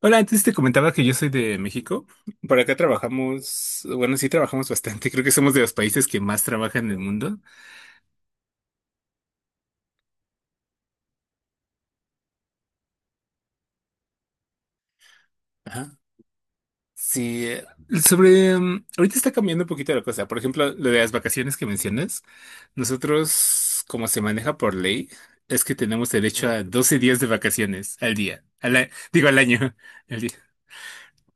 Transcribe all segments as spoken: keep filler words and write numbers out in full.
Hola, antes te comentaba que yo soy de México. Por acá trabajamos, bueno, sí trabajamos bastante. Creo que somos de los países que más trabajan en el mundo. Ajá. Sí, eh, sobre, mm, ahorita está cambiando un poquito la cosa. Por ejemplo, lo de las vacaciones que mencionas, nosotros, como se maneja por ley, es que tenemos derecho a doce días de vacaciones al día, al a- digo al año, al día.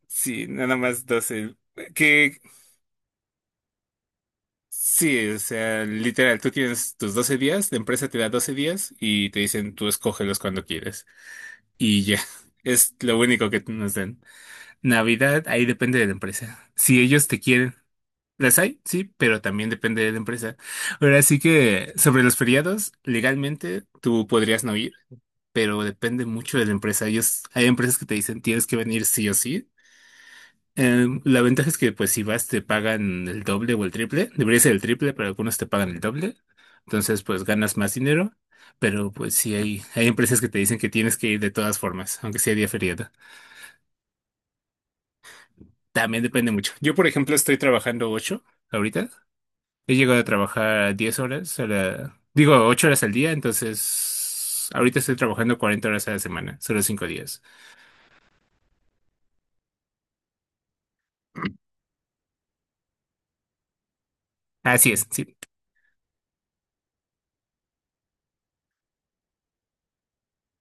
Sí, nada más doce. Que. Sí, o sea, literal, tú tienes tus doce días, la empresa te da doce días y te dicen tú escógelos cuando quieres. Y ya, es lo único que nos dan. Navidad, ahí depende de la empresa. Si ellos te quieren, las hay, sí, pero también depende de la empresa. Ahora sí que sobre los feriados, legalmente tú podrías no ir, pero depende mucho de la empresa. Ellos, hay empresas que te dicen tienes que venir sí o sí. Eh, la ventaja es que, pues, si vas, te pagan el doble o el triple. Debería ser el triple, pero algunos te pagan el doble. Entonces, pues, ganas más dinero. Pero, pues, sí, hay, hay empresas que te dicen que tienes que ir de todas formas, aunque sea día feriado. También depende mucho. Yo, por ejemplo, estoy trabajando ocho ahorita. He llegado a trabajar diez horas a la... Digo, ocho horas al día, entonces... Ahorita estoy trabajando cuarenta horas a la semana, solo cinco días. Así es, sí.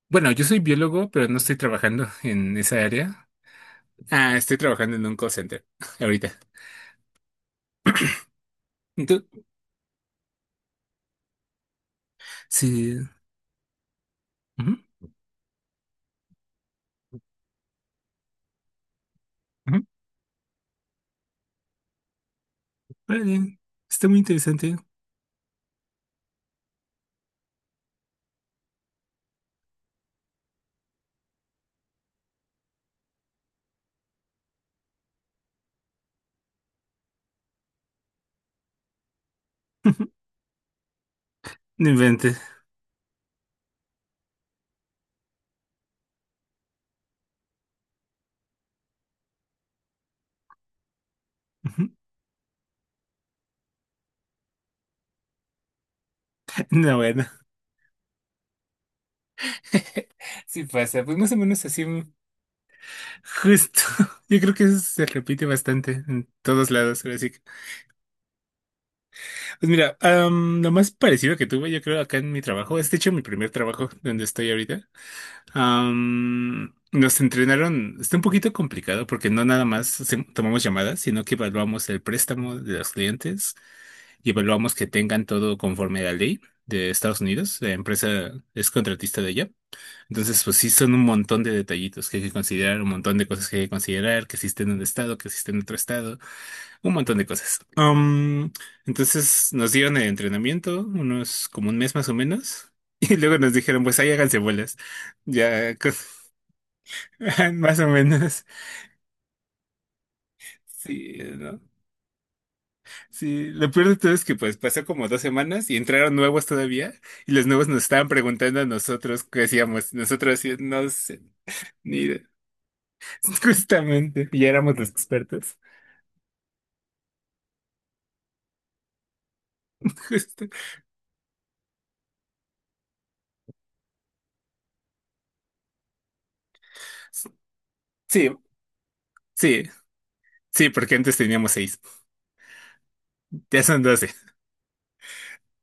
Bueno, yo soy biólogo, pero no estoy trabajando en esa área. Ah, estoy trabajando en un call center ahorita. ¿Y tú? Sí. Ujú, ujú. Órale, está muy interesante. No inventes. Ujú. No, bueno. Sí pasa, pues más o menos así. mm, Justo. Yo creo que eso se repite bastante en todos lados, ahora sí que- Pues mira, am, lo más parecido que tuve, yo creo, acá en mi trabajo, es de hecho mi primer trabajo donde estoy ahorita. Am, nos entrenaron, está un poquito complicado porque no nada más hace- tomamos llamadas, sino que evaluamos el préstamo de los clientes y evaluamos que tengan todo conforme a la ley de Estados Unidos. La empresa es contratista de ella. Entonces, pues sí, son un montón de detallitos que hay que considerar, un montón de cosas que hay que considerar, que existe en un estado, que existe en otro estado. Un montón de cosas. Am, entonces nos dieron el entrenamiento, unos como un mes más o menos, y luego nos dijeron, pues ahí háganse bolas. Ya, con- más o menos. Sí, ¿no? Sí, lo peor de todo es que pues pasó como dos semanas y entraron nuevos todavía, y los nuevos nos estaban preguntando a nosotros qué hacíamos. Nosotros sí, no sé, ni idea. Justamente, ya éramos los expertos. Justo. Sí, sí, sí, porque antes teníamos seis, ya son doce.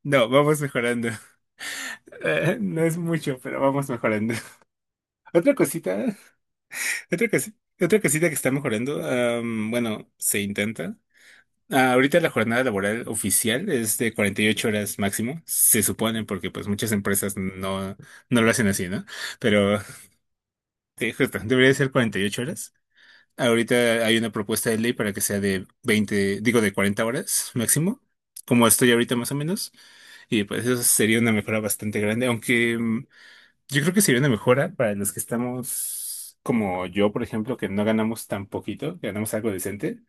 No, vamos mejorando. Eh, no es mucho, pero vamos mejorando. Otra cosita, otra cosita, otra cosita que está mejorando, am, bueno, se intenta. Ah, ahorita la jornada laboral oficial es de cuarenta y ocho horas máximo, se supone, porque pues muchas empresas no, no lo hacen así, ¿no? Pero eh, justo, debería ser cuarenta y ocho horas. Ahorita hay una propuesta de ley para que sea de veinte, digo de cuarenta horas máximo, como estoy ahorita más o menos. Y pues eso sería una mejora bastante grande, aunque mm, yo creo que sería una mejora para los que estamos como yo, por ejemplo, que no ganamos tan poquito, que ganamos algo decente.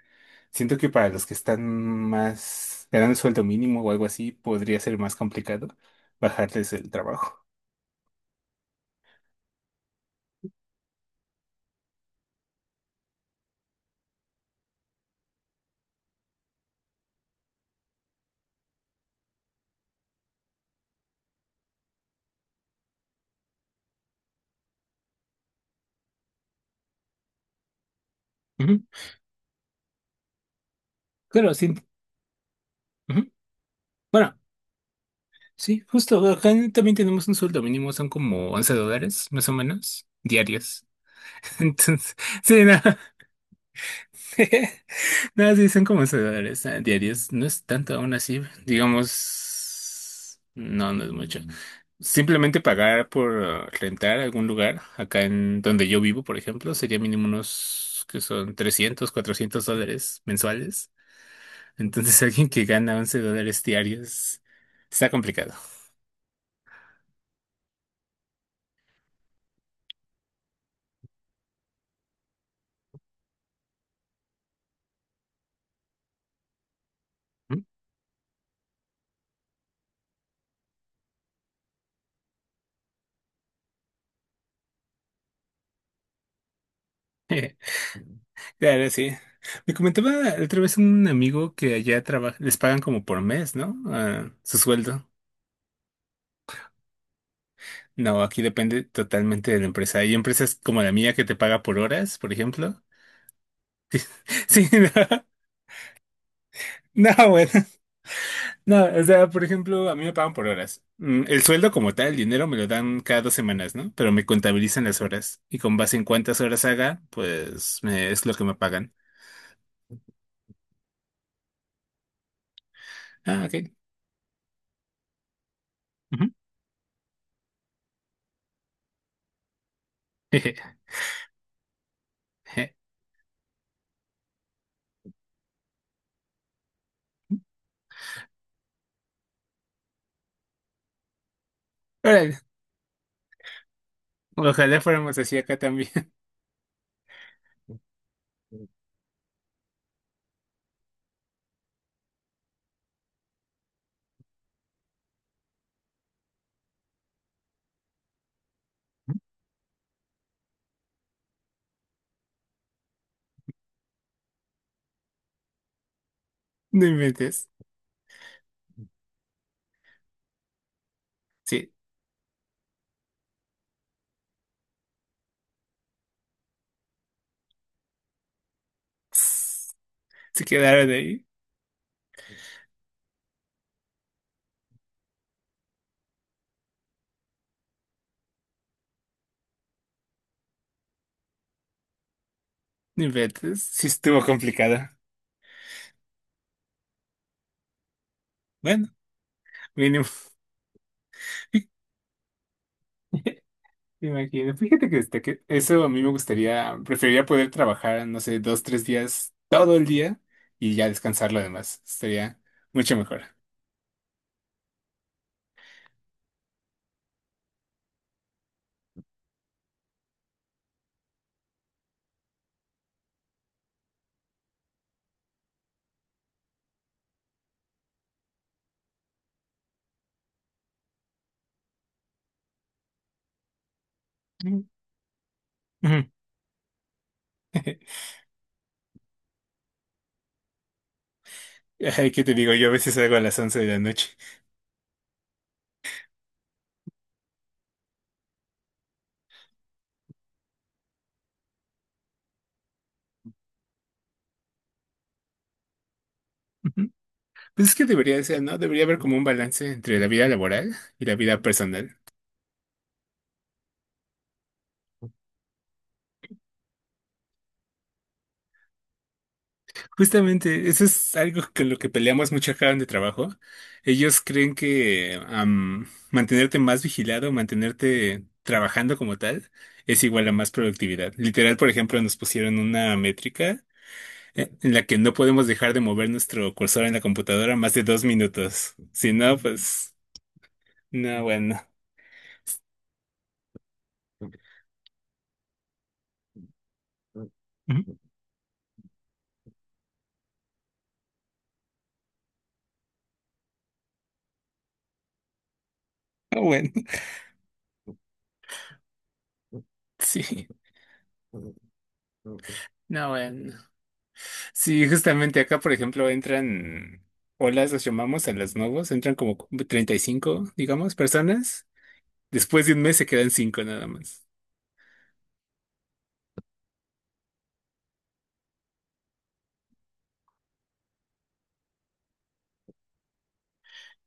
Siento que para los que están más ganando el sueldo mínimo o algo así, podría ser más complicado bajarles el trabajo. Ujú. Claro, sí. Ujú. Bueno, sí, justo acá también tenemos un sueldo mínimo, son como once dólares, más o menos, diarios. Entonces, sí, no. Nada, sí, son como once dólares ah, diarios. No es tanto aún así. Digamos, no, no es mucho. Simplemente pagar por eh, rentar algún lugar, acá en donde yo vivo, por ejemplo, sería mínimo unos que son trescientos cuatrocientos dólares mensuales. Entonces, alguien que gana once dólares diarios está complicado. ¿Mm? Claro, sí. Me comentaba otra vez un amigo que allá trabaja, les pagan como por mes, ¿no? Ah, su sueldo. No, aquí depende totalmente de la empresa. Hay empresas como la mía que te paga por horas, por ejemplo. Sí, no, no, bueno, no, o sea, por ejemplo, a mí me pagan por horas. Mm, El sueldo como tal, el dinero me lo dan cada dos semanas, ¿no? Pero me contabilizan las horas y con base en cuántas horas haga, pues me- es lo que me pagan. Ah, ok. Ujú. Órale, ojalá fuéramos así acá también. No inventes. Sí. Se quedaron ahí. No inventes. Sí estuvo complicado. Bueno, mínimo. Me imagino. Fíjate que, este, que eso a mí me gustaría, preferiría poder trabajar, no sé, dos, tres días, todo el día y ya descansar lo demás. Sería mucho mejor. Ujú. Ujú. Ay, ¿qué te digo? Yo a veces salgo a las once de la noche. Ujú. Pues es que debería ser, ¿no? Debería haber como un balance entre la vida laboral y la vida personal. Justamente, eso es algo con lo que peleamos mucho acá donde trabajo. Ellos creen que am, mantenerte más vigilado, mantenerte trabajando como tal, es igual a más productividad. Literal, por ejemplo, nos pusieron una métrica eh, en la que no podemos dejar de mover nuestro cursor en la computadora más de dos minutos. Si no, pues, no, bueno. Ujú. No, bueno. Sí, no, bueno. Sí, justamente acá, por ejemplo, entran olas, los llamamos a los nuevos, entran como treinta y cinco, digamos, personas. Después de un mes se quedan cinco nada más.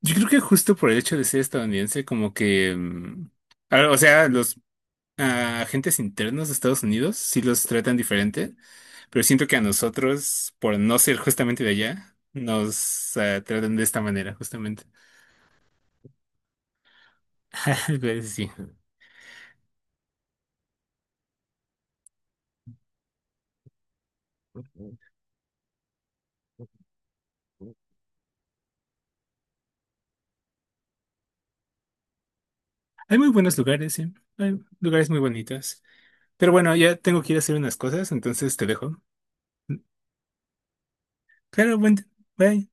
Yo creo que justo por el hecho de ser estadounidense, como que, mm, a- o sea, los ah, agentes internos de Estados Unidos sí los tratan diferente, pero siento que a nosotros, por no ser justamente de allá, nos ah, tratan de esta manera, justamente. Pues sí. Hay muy buenos lugares, sí. Hay lugares muy bonitos. Pero bueno, ya tengo que ir a hacer unas cosas, entonces te dejo. Claro, buen, bye.